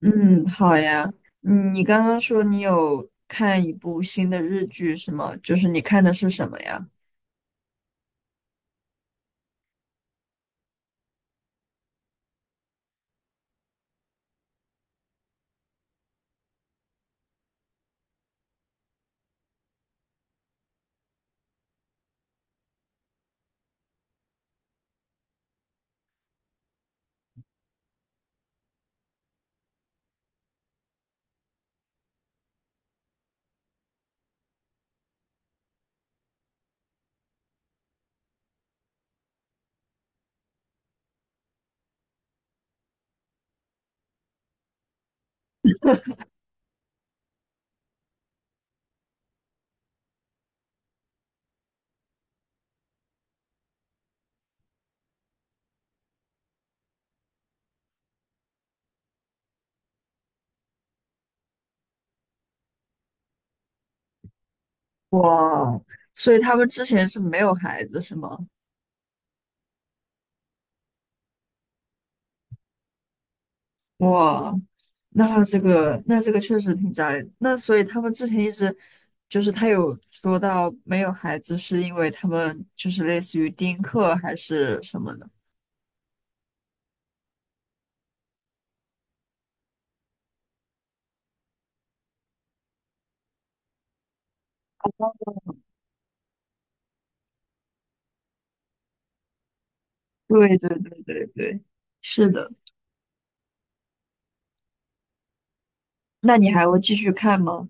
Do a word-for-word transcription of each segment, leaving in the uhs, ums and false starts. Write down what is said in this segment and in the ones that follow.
嗯，好呀。嗯，你刚刚说你有看一部新的日剧是吗？就是你看的是什么呀？哇，所以他们之前是没有孩子是吗？哇，那这个那这个确实挺扎人。那所以他们之前一直就是他有说到没有孩子是因为他们就是类似于丁克还是什么的。对对对对对，是的。那你还会继续看吗？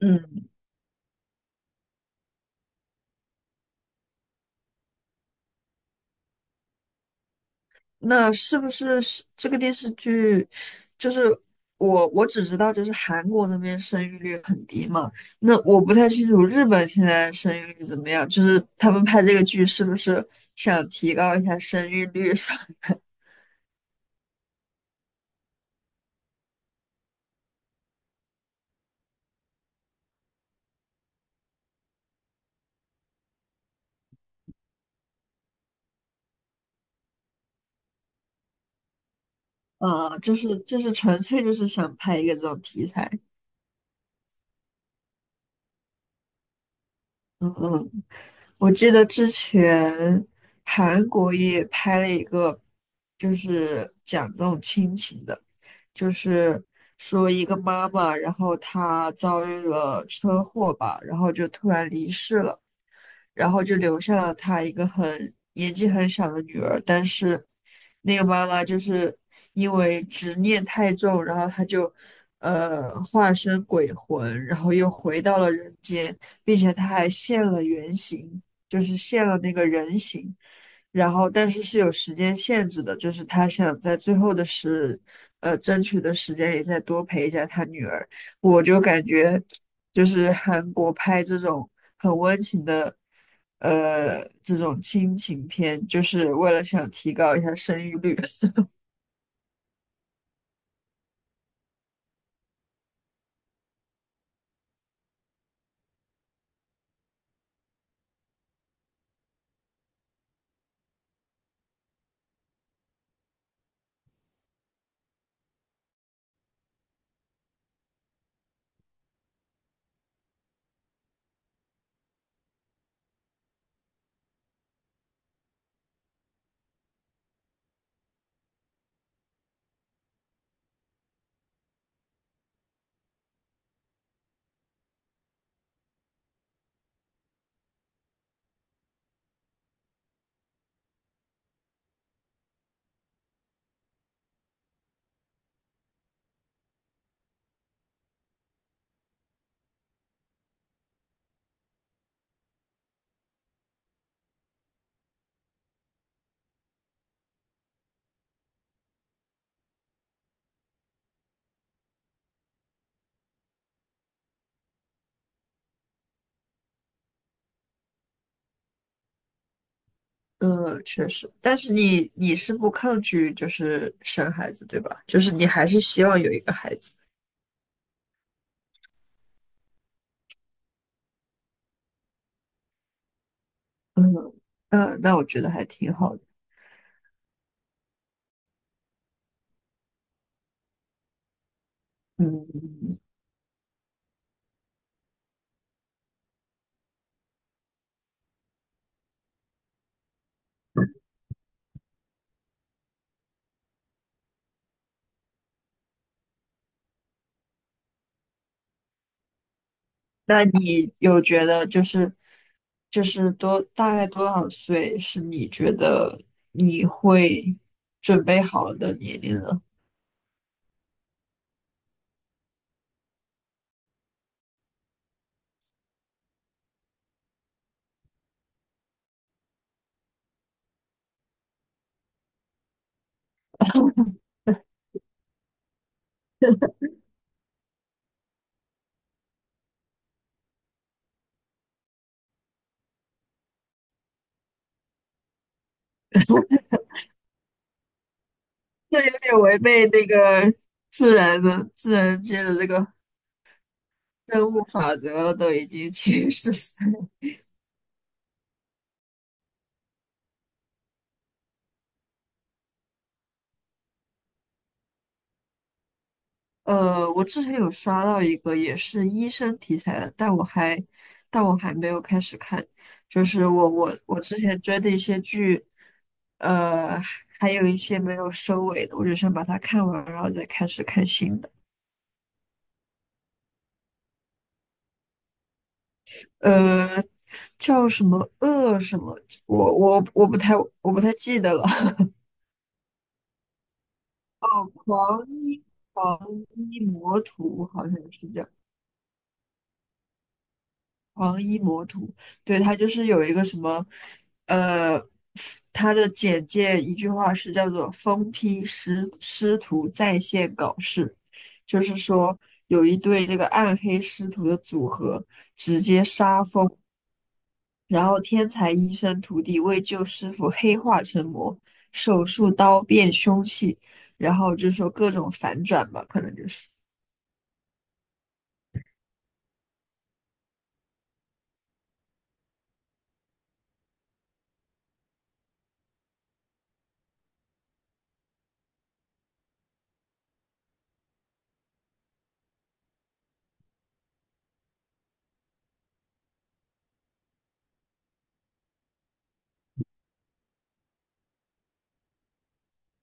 嗯。那是不是是这个电视剧？就是我我只知道，就是韩国那边生育率很低嘛。那我不太清楚日本现在生育率怎么样，就是他们拍这个剧是不是想提高一下生育率上？呃，就是就是纯粹就是想拍一个这种题材。嗯嗯，我记得之前韩国也拍了一个，就是讲这种亲情的。就是说一个妈妈，然后她遭遇了车祸吧，然后就突然离世了，然后就留下了她一个很年纪很小的女儿，但是那个妈妈就是因为执念太重，然后她就呃化身鬼魂，然后又回到了人间，并且她还现了原形，就是现了那个人形。然后但是是有时间限制的，就是他想在最后的时，呃，争取的时间里再多陪一下他女儿。我就感觉，就是韩国拍这种很温情的，呃，这种亲情片，就是为了想提高一下生育率。嗯，确实，但是你你是不抗拒就是生孩子，对吧？就是你还是希望有一个孩子。嗯，呃，那我觉得还挺好的。嗯。那你有觉得就是就是多大概多少岁是你觉得你会准备好的年龄呢？这有点违背那个自然的自然界的这个生物法则了，都已经 七十岁。呃，我之前有刷到一个也是医生题材的，但我还但我还没有开始看。就是我我我之前追的一些剧，呃，还有一些没有收尾的，我就想把它看完，然后再开始看新的。呃，叫什么恶什么，我我我不太我不太记得了。哦，狂医狂医魔徒好像是叫。黄衣魔徒，对，他就是有一个什么，呃，他的简介一句话是叫做"疯批师师徒在线搞事"，就是说有一对这个暗黑师徒的组合直接杀疯，然后天才医生徒弟为救师傅黑化成魔，手术刀变凶器，然后就说各种反转吧，可能就是。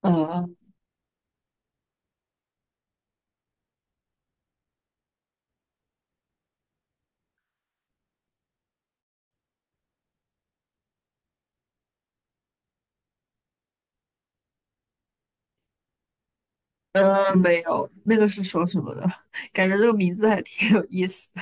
嗯。呃，没有，那个是说什么的？感觉这个名字还挺有意思的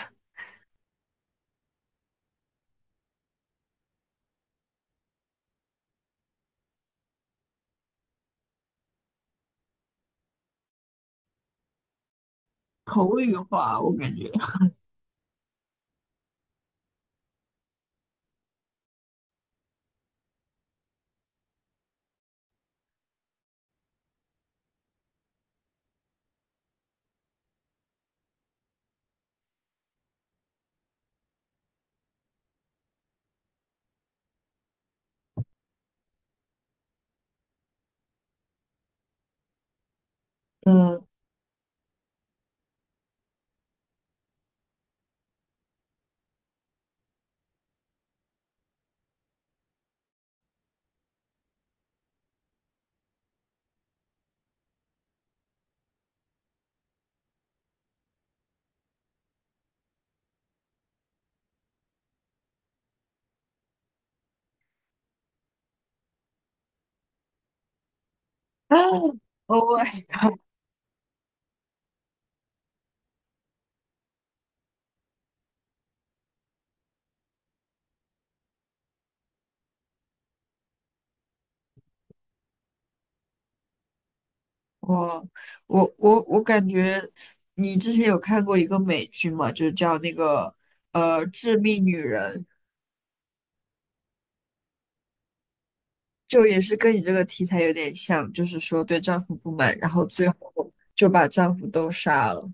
口语化，我感觉。嗯 o 我我我我感觉你之前有看过一个美剧吗？就是叫那个呃《致命女人》，就也是跟你这个题材有点像，就是说对丈夫不满，然后最后就把丈夫都杀了。